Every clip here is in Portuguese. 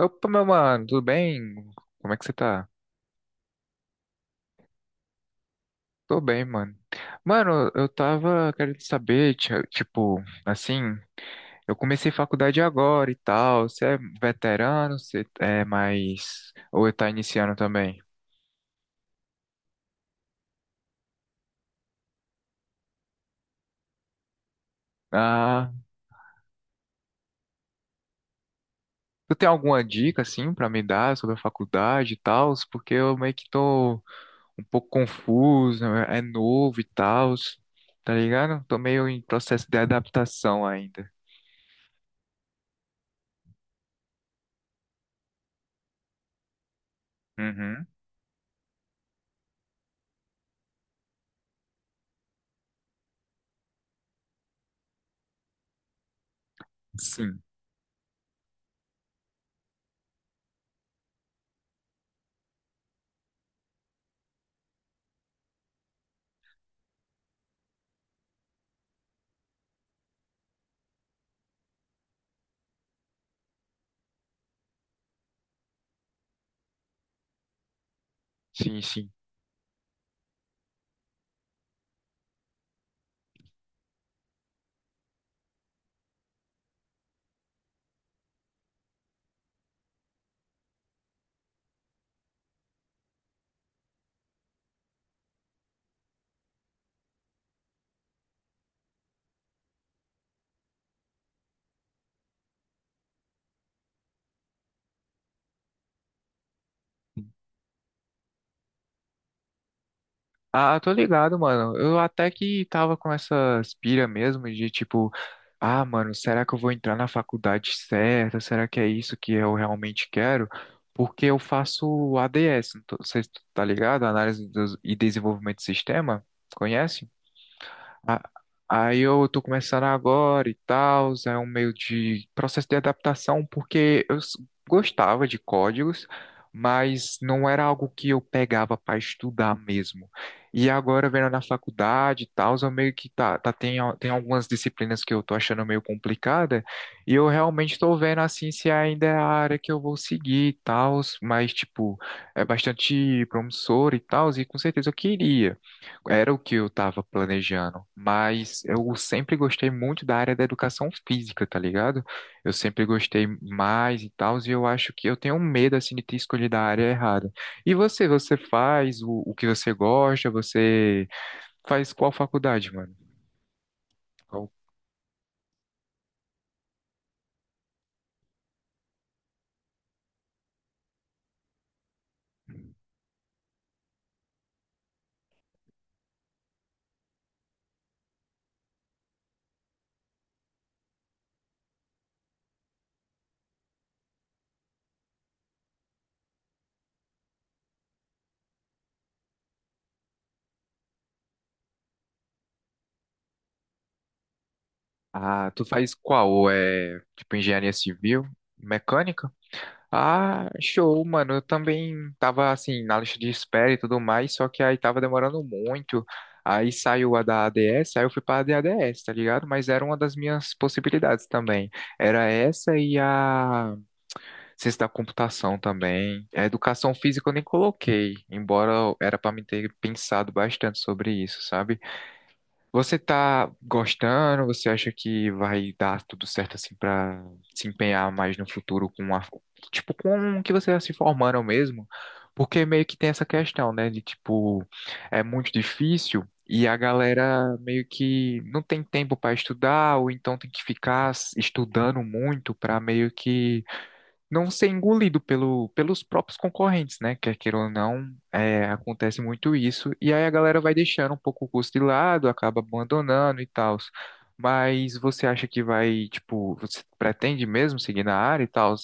Opa, meu mano, tudo bem? Como é que você tá? Tô bem, mano. Mano, eu tava querendo saber, tipo, assim, eu comecei faculdade agora e tal. Você é veterano? Você é mais. Ou tá iniciando também? Ah, tu tem alguma dica, assim, pra me dar sobre a faculdade e tal? Porque eu meio que tô um pouco confuso, é novo e tal, tá ligado? Tô meio em processo de adaptação ainda. Uhum. Sim, sim, sim. Ah, tô ligado, mano. Eu até que tava com essa aspira mesmo de tipo, ah, mano, será que eu vou entrar na faculdade certa? Será que é isso que eu realmente quero? Porque eu faço ADS, não tô- você tá ligado? E Desenvolvimento de Sistema, conhece? A- Aí eu tô começando agora e tal, é um meio de processo de adaptação, porque gostava de códigos, mas não era algo que eu pegava para estudar mesmo. E agora, vendo na faculdade e tal, eu meio que tem algumas disciplinas que eu tô achando meio complicada, e eu realmente tô vendo assim se ainda é a área que eu vou seguir e tal, mas tipo, é bastante promissor e tal, e com certeza eu queria. Era o que eu estava planejando, mas eu sempre gostei muito da área da educação física, tá ligado? Eu sempre gostei mais e tal, e eu acho que eu tenho um medo assim de ter escolhido a área errada. E você, você faz o que você gosta? Você faz qual faculdade, mano? Qual- Ah, tu faz qual? É tipo engenharia civil, mecânica? Ah, show, mano. Eu também tava assim na lista de espera e tudo mais, só que aí tava demorando muito. Aí saiu a da ADS, aí eu fui pra ADS, tá ligado? Mas era uma das minhas possibilidades também. Era essa e a ciência da computação também. A educação física eu nem coloquei, embora era pra mim ter pensado bastante sobre isso, sabe? Você tá gostando? Você acha que vai dar tudo certo assim pra se empenhar mais no futuro com a, tipo, com o que você tá se formando mesmo? Porque meio que tem essa questão, né, de tipo, é muito difícil e a galera meio que não tem tempo pra estudar ou então tem que ficar estudando muito pra meio que não ser engolido pelo, pelos próprios concorrentes, né? Quer queira ou não, é, acontece muito isso. E aí a galera vai deixando um pouco o custo de lado, acaba abandonando e tal. Mas você acha que vai, tipo, você pretende mesmo seguir na área e tal?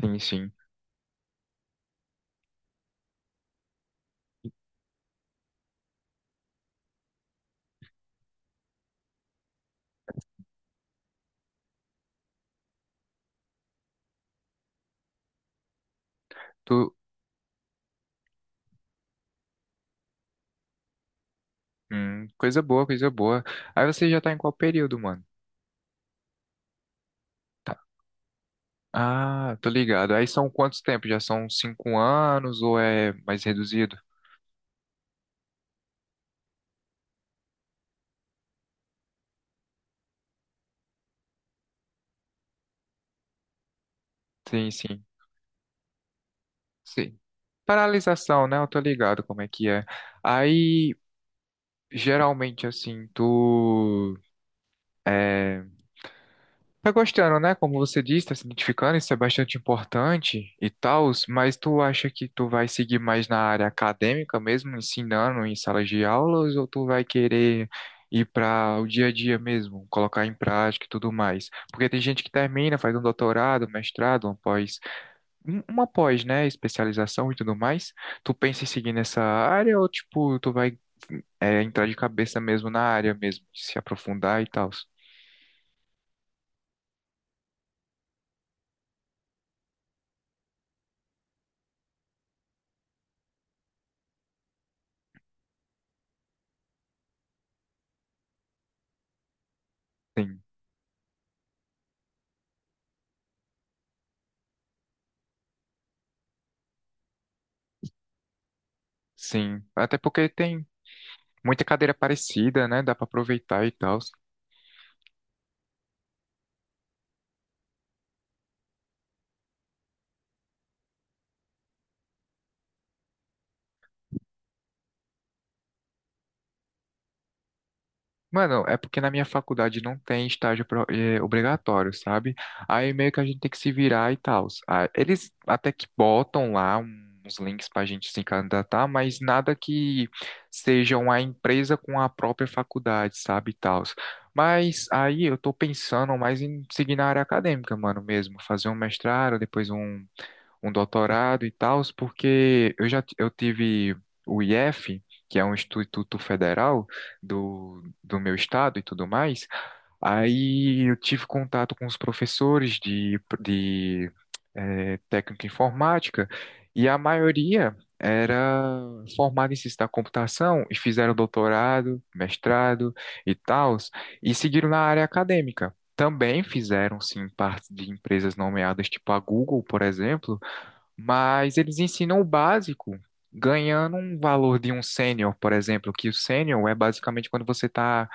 Sim, sim. Tu. Coisa boa, coisa boa. Aí você já tá em qual período, mano? Tá. Ah, tô ligado. Aí são quantos tempos? Já são 5 anos ou é mais reduzido? Sim, sim. Sim. Paralisação, né? Eu tô ligado como é que é. Aí, geralmente, assim, tu. é, Tá gostando, né? Como você disse, tá se identificando, isso é bastante importante e tal, mas tu acha que tu vai seguir mais na área acadêmica mesmo, ensinando em salas de aulas, ou tu vai querer ir para o dia a dia mesmo, colocar em prática e tudo mais? Porque tem gente que termina, faz um doutorado, um mestrado, uma pós, uma pós, né? Especialização e tudo mais. Tu pensa em seguir nessa área ou, tipo, tu vai, entrar de cabeça mesmo na área mesmo, se aprofundar e tal? Sim, sim. Até porque tem muita cadeira parecida, né? Dá pra aproveitar e tal. Mano, é porque na minha faculdade não tem estágio obrigatório, sabe? Aí meio que a gente tem que se virar e tal. Eles até que botam lá uns links pra gente se candidatar, mas nada que seja uma empresa com a própria faculdade, sabe? E tal. Mas aí eu tô pensando mais em seguir na área acadêmica, mano, mesmo. Fazer um mestrado, depois um. Um doutorado e tal, porque eu tive o IF, que é um instituto federal do meu estado e tudo mais. Aí eu tive contato com os professores de técnica informática e a maioria era formada em ciência da computação e fizeram doutorado, mestrado e tal, e seguiram na área acadêmica. Também fizeram, sim, parte de empresas nomeadas, tipo a Google, por exemplo, mas eles ensinam o básico, ganhando um valor de um sênior, por exemplo, que o sênior é basicamente quando você está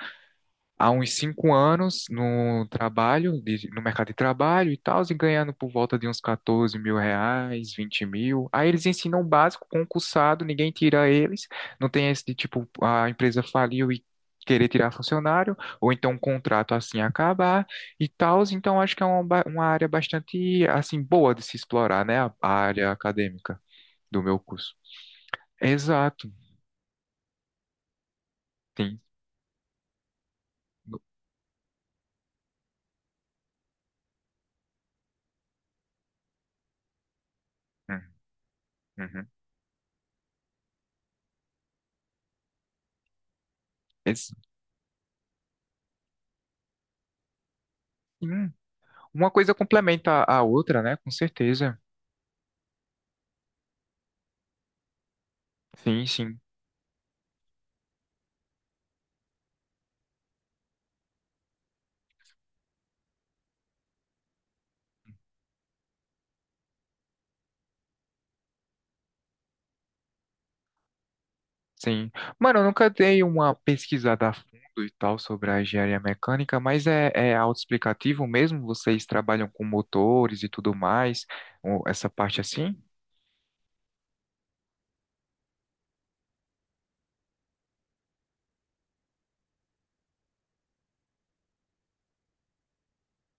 há uns 5 anos no trabalho, no mercado de trabalho e tal, e ganhando por volta de uns 14 mil reais, vinte mil. Aí eles ensinam o básico, concursado, ninguém tira eles. Não tem esse de tipo, a empresa faliu e querer tirar funcionário, ou então um contrato assim acabar e tal. Então acho que é uma área bastante assim boa de se explorar, né? A área acadêmica do meu curso. Exato. Tem. Uhum. Uhum. Ex- Sim. Uma coisa complementa a outra, né? Com certeza. Sim, sim, sim. Mano, eu nunca dei uma pesquisada a fundo e tal sobre a engenharia mecânica, mas é, é autoexplicativo mesmo? Vocês trabalham com motores e tudo mais? Ou essa parte assim?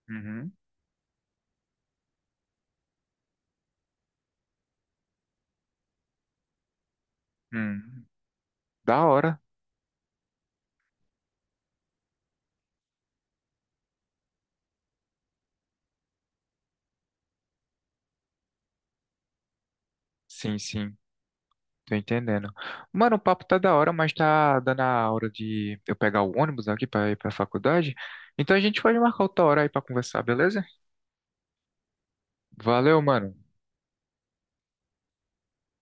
Uhum. Hum. Da hora. Sim, sim. Tô entendendo. Mano, o papo tá da hora, mas tá dando a hora de eu pegar o ônibus aqui pra ir pra faculdade. Então a gente pode marcar outra hora aí pra conversar, beleza? Valeu, mano.